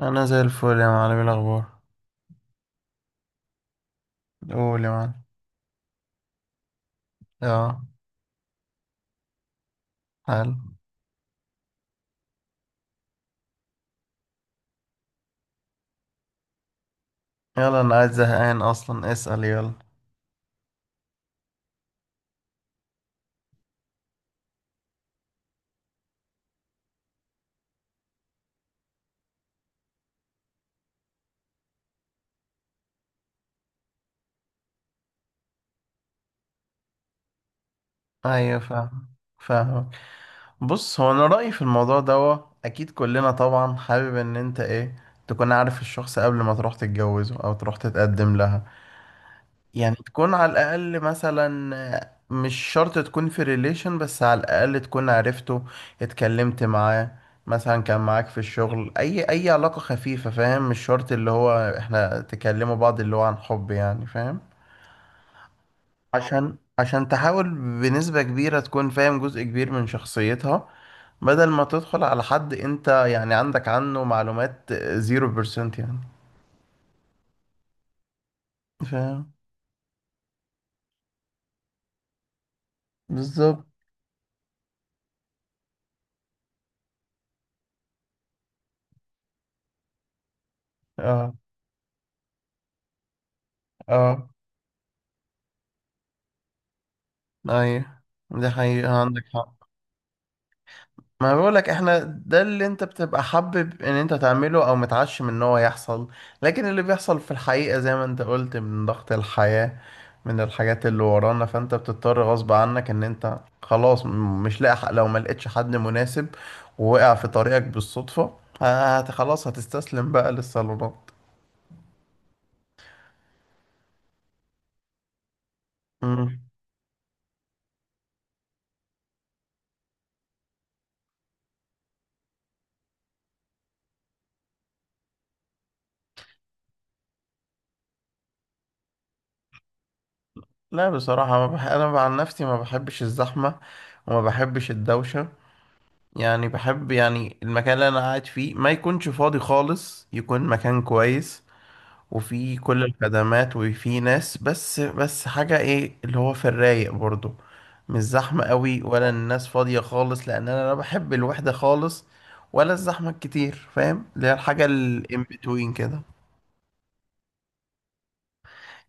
انا زي الفل يا معلم، إيه الاخبار؟ قول يا معلم. اه. حلو. يلا انا قاعد زهقان اصلا، اسأل يلا. ايوه فاهم. فاهم. بص، هو انا رأيي في الموضوع دوا، اكيد كلنا طبعا حابب ان انت ايه تكون عارف الشخص قبل ما تروح تتجوزه او تروح تتقدم لها. يعني تكون على الأقل مثلا مش شرط تكون في ريليشن، بس على الأقل تكون عرفته، اتكلمت معاه، مثلا كان معاك في الشغل، أي علاقة خفيفة، فاهم؟ مش شرط اللي هو احنا تكلموا بعض اللي هو عن حب، يعني فاهم. عشان تحاول بنسبة كبيرة تكون فاهم جزء كبير من شخصيتها، بدل ما تدخل على حد انت يعني عندك عنه معلومات زيرو بيرسنت يعني. فاهم. بالظبط. اه. اه. ايوه، دي حقيقة، عندك حق. ما بقولك، احنا ده اللي انت بتبقى حابب ان انت تعمله او متعشم ان هو يحصل، لكن اللي بيحصل في الحقيقة زي ما انت قلت، من ضغط الحياة، من الحاجات اللي ورانا، فانت بتضطر غصب عنك ان انت خلاص مش لاقي لو ما لقيتش حد مناسب ووقع في طريقك بالصدفة، خلاص هتستسلم بقى للصالونات. مم. لا بصراحة، ما بح... انا عن نفسي ما بحبش الزحمة وما بحبش الدوشة. يعني بحب يعني المكان اللي انا قاعد فيه ما يكونش فاضي خالص، يكون مكان كويس وفيه كل الخدمات وفيه ناس، بس بس حاجة ايه اللي هو في الرايق برضو، مش زحمة قوي ولا الناس فاضية خالص، لان انا لا بحب الوحدة خالص ولا الزحمة الكتير، فاهم؟ اللي هي الحاجة الان بتوين كده.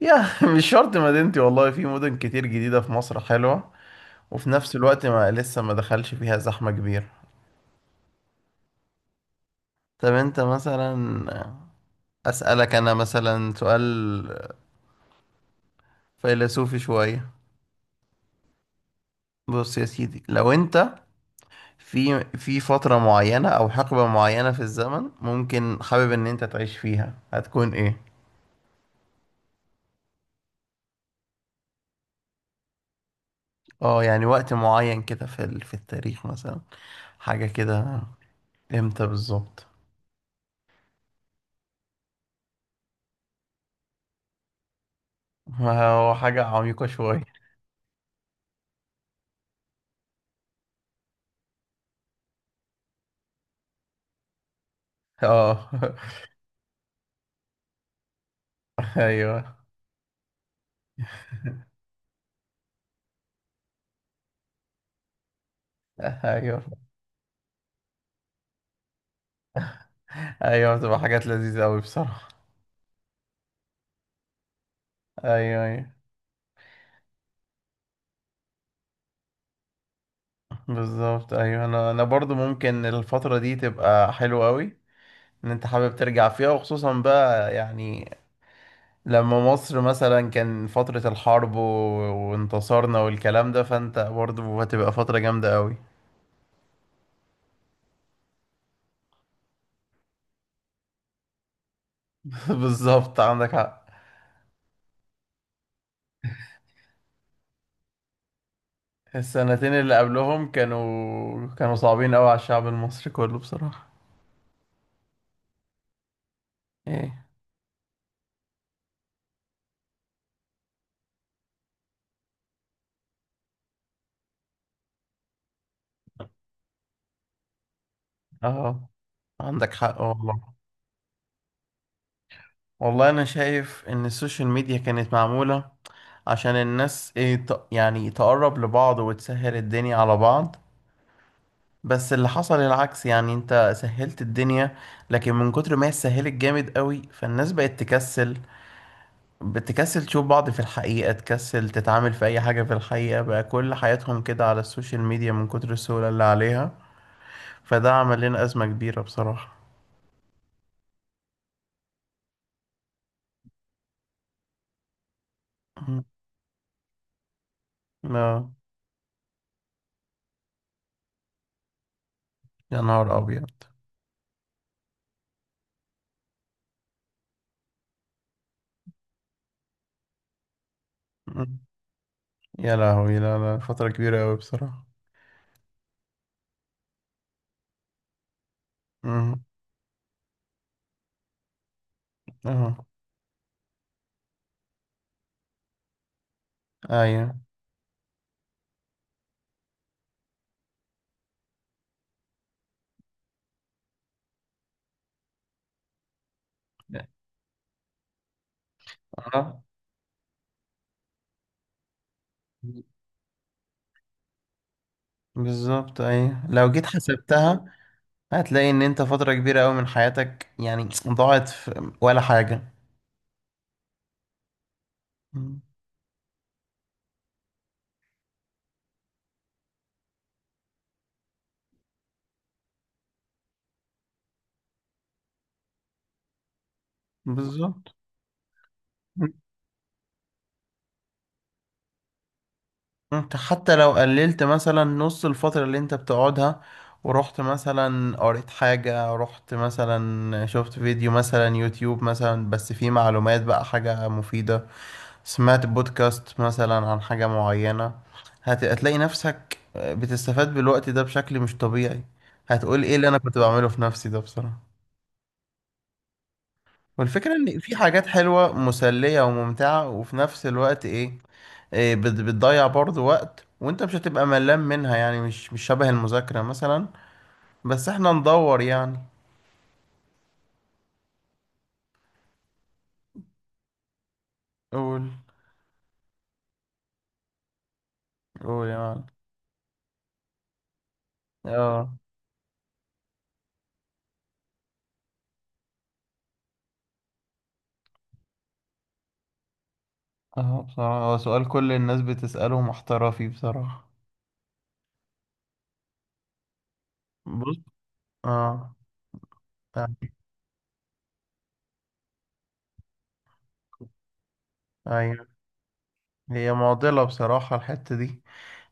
يا مش شرط مدينتي، والله في مدن كتير جديدة في مصر حلوة، وفي نفس الوقت ما لسه ما دخلش فيها زحمة كبيرة. طب انت مثلا، أسألك أنا مثلا سؤال فيلسوفي شوية. بص يا سيدي، لو أنت في فترة معينة أو حقبة معينة في الزمن ممكن حابب إن أنت تعيش فيها، هتكون إيه؟ أه، يعني وقت معين كده في التاريخ مثلا، حاجة كده. إمتى بالظبط؟ ما هو حاجة عميقة شوية. أه. أيوه. أيوه، أيوه، بتبقى حاجات لذيذة أوي بصراحة. ايوه، ايوه. بالظبط، ايوه. انا برضو ممكن الفتره دي تبقى حلوه قوي، ان انت حابب ترجع فيها، وخصوصا بقى يعني لما مصر مثلا كان فترة الحرب وانتصارنا والكلام ده، فانت برضه هتبقى فترة جامدة قوي. بالظبط، عندك حق. السنتين اللي قبلهم كانوا صعبين قوي على الشعب المصري كله بصراحة. ايه؟ اه عندك حق والله. والله انا شايف ان السوشيال ميديا كانت معمولة عشان الناس ايه يعني تقرب لبعض وتسهل الدنيا على بعض، بس اللي حصل العكس. يعني انت سهلت الدنيا، لكن من كتر ما هي اتسهلت جامد قوي، فالناس بقت تكسل، بتكسل تشوف بعض في الحقيقة، تكسل تتعامل في اي حاجة في الحقيقة، بقى كل حياتهم كده على السوشيال ميديا من كتر السهولة اللي عليها. فده عمل لنا أزمة كبيرة بصراحة. مم. لا. يا نهار أبيض. مم. يا لهوي، لا لا فترة كبيرة قوي بصراحة. مم. اه. ايوه. اه بالظبط، ايوه، لو جيت حسبتها هتلاقي ان انت فترة كبيرة قوي من حياتك يعني ضاعت في ولا حاجة. مم. بالظبط. مم. انت حتى لو قللت مثلا نص الفترة اللي انت بتقعدها، ورحت مثلا قريت حاجة، رحت مثلا شفت فيديو مثلا يوتيوب مثلا، بس فيه معلومات بقى، حاجة مفيدة، سمعت بودكاست مثلا عن حاجة معينة، هتلاقي نفسك بتستفاد بالوقت ده بشكل مش طبيعي. هتقول ايه اللي انا كنت بعمله في نفسي ده بصراحة. والفكرة إن في حاجات حلوة مسلية وممتعة، وفي نفس الوقت إيه، إيه بتضيع برضو وقت، وأنت مش هتبقى ملان منها، يعني مش شبه المذاكرة مثلا، بس إحنا ندور يعني. قول. قول يا معلم. آه. آه، بصراحة هو سؤال كل الناس بتسأله محتارة فيه بصراحة. بص. آه. آه، أيوه. هي معضلة بصراحة الحتة دي،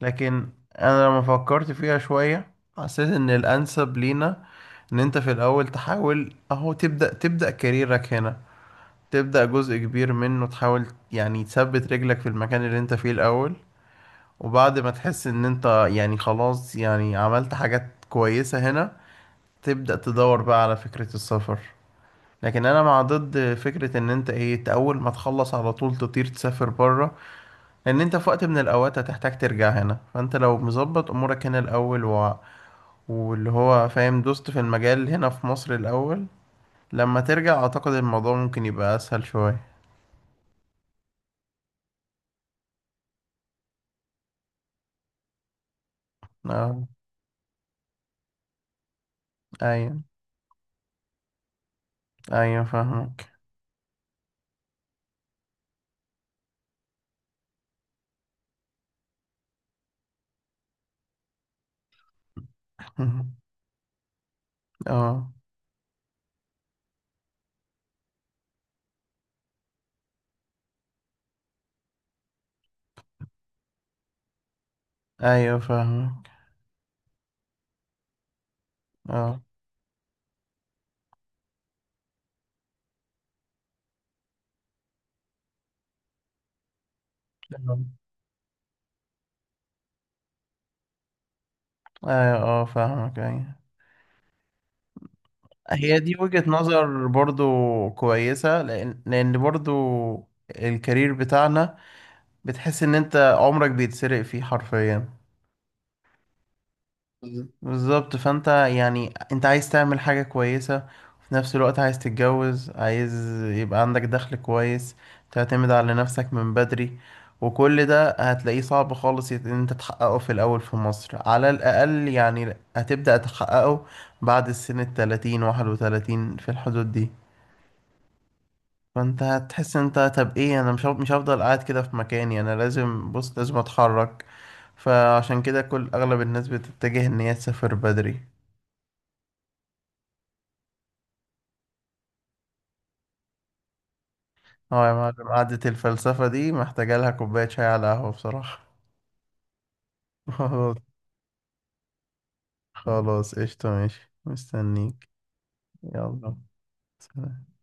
لكن انا لما فكرت فيها شوية، حسيت ان الانسب لينا ان انت في الاول تحاول اهو، تبدأ كاريرك هنا، تبدأ جزء كبير منه، تحاول يعني تثبت رجلك في المكان اللي انت فيه الاول، وبعد ما تحس ان انت يعني خلاص يعني عملت حاجات كويسة هنا، تبدأ تدور بقى على فكرة السفر. لكن انا مع ضد فكرة ان انت ايه، أنت اول ما تخلص على طول تطير تسافر بره، لان انت في وقت من الاوقات هتحتاج ترجع هنا. فانت لو مظبط امورك هنا الاول واللي هو فاهم دوست في المجال هنا في مصر الاول، لما ترجع اعتقد الموضوع ممكن يبقى اسهل شوية. اه، ايوه، ايوه فاهمك. اه، ايوه فاهمك، اه. تمام. ايوه، اه فاهمك، ايوه. هي دي وجهة نظر برضو كويسة، لأن برضو الكارير بتاعنا بتحس إن أنت عمرك بيتسرق فيه حرفيا. بالظبط، فانت يعني انت عايز تعمل حاجة كويسة، وفي نفس الوقت عايز تتجوز، عايز يبقى عندك دخل كويس، تعتمد على نفسك من بدري، وكل ده هتلاقيه صعب خالص ان انت تحققه في الاول. في مصر على الاقل يعني هتبدأ تحققه بعد السن الـ30، 31، في الحدود دي. فانت هتحس ان انت طب ايه، انا مش هفضل قاعد كده في مكاني، انا لازم، بص لازم اتحرك. فعشان كده كل اغلب الناس بتتجه ان هي تسافر بدري. اه يا معلم، قعدة الفلسفة دي محتاجة لها كوباية شاي على قهوة بصراحة. خلاص. خلاص، قشطة، ماشي مستنيك. يلا، سلام.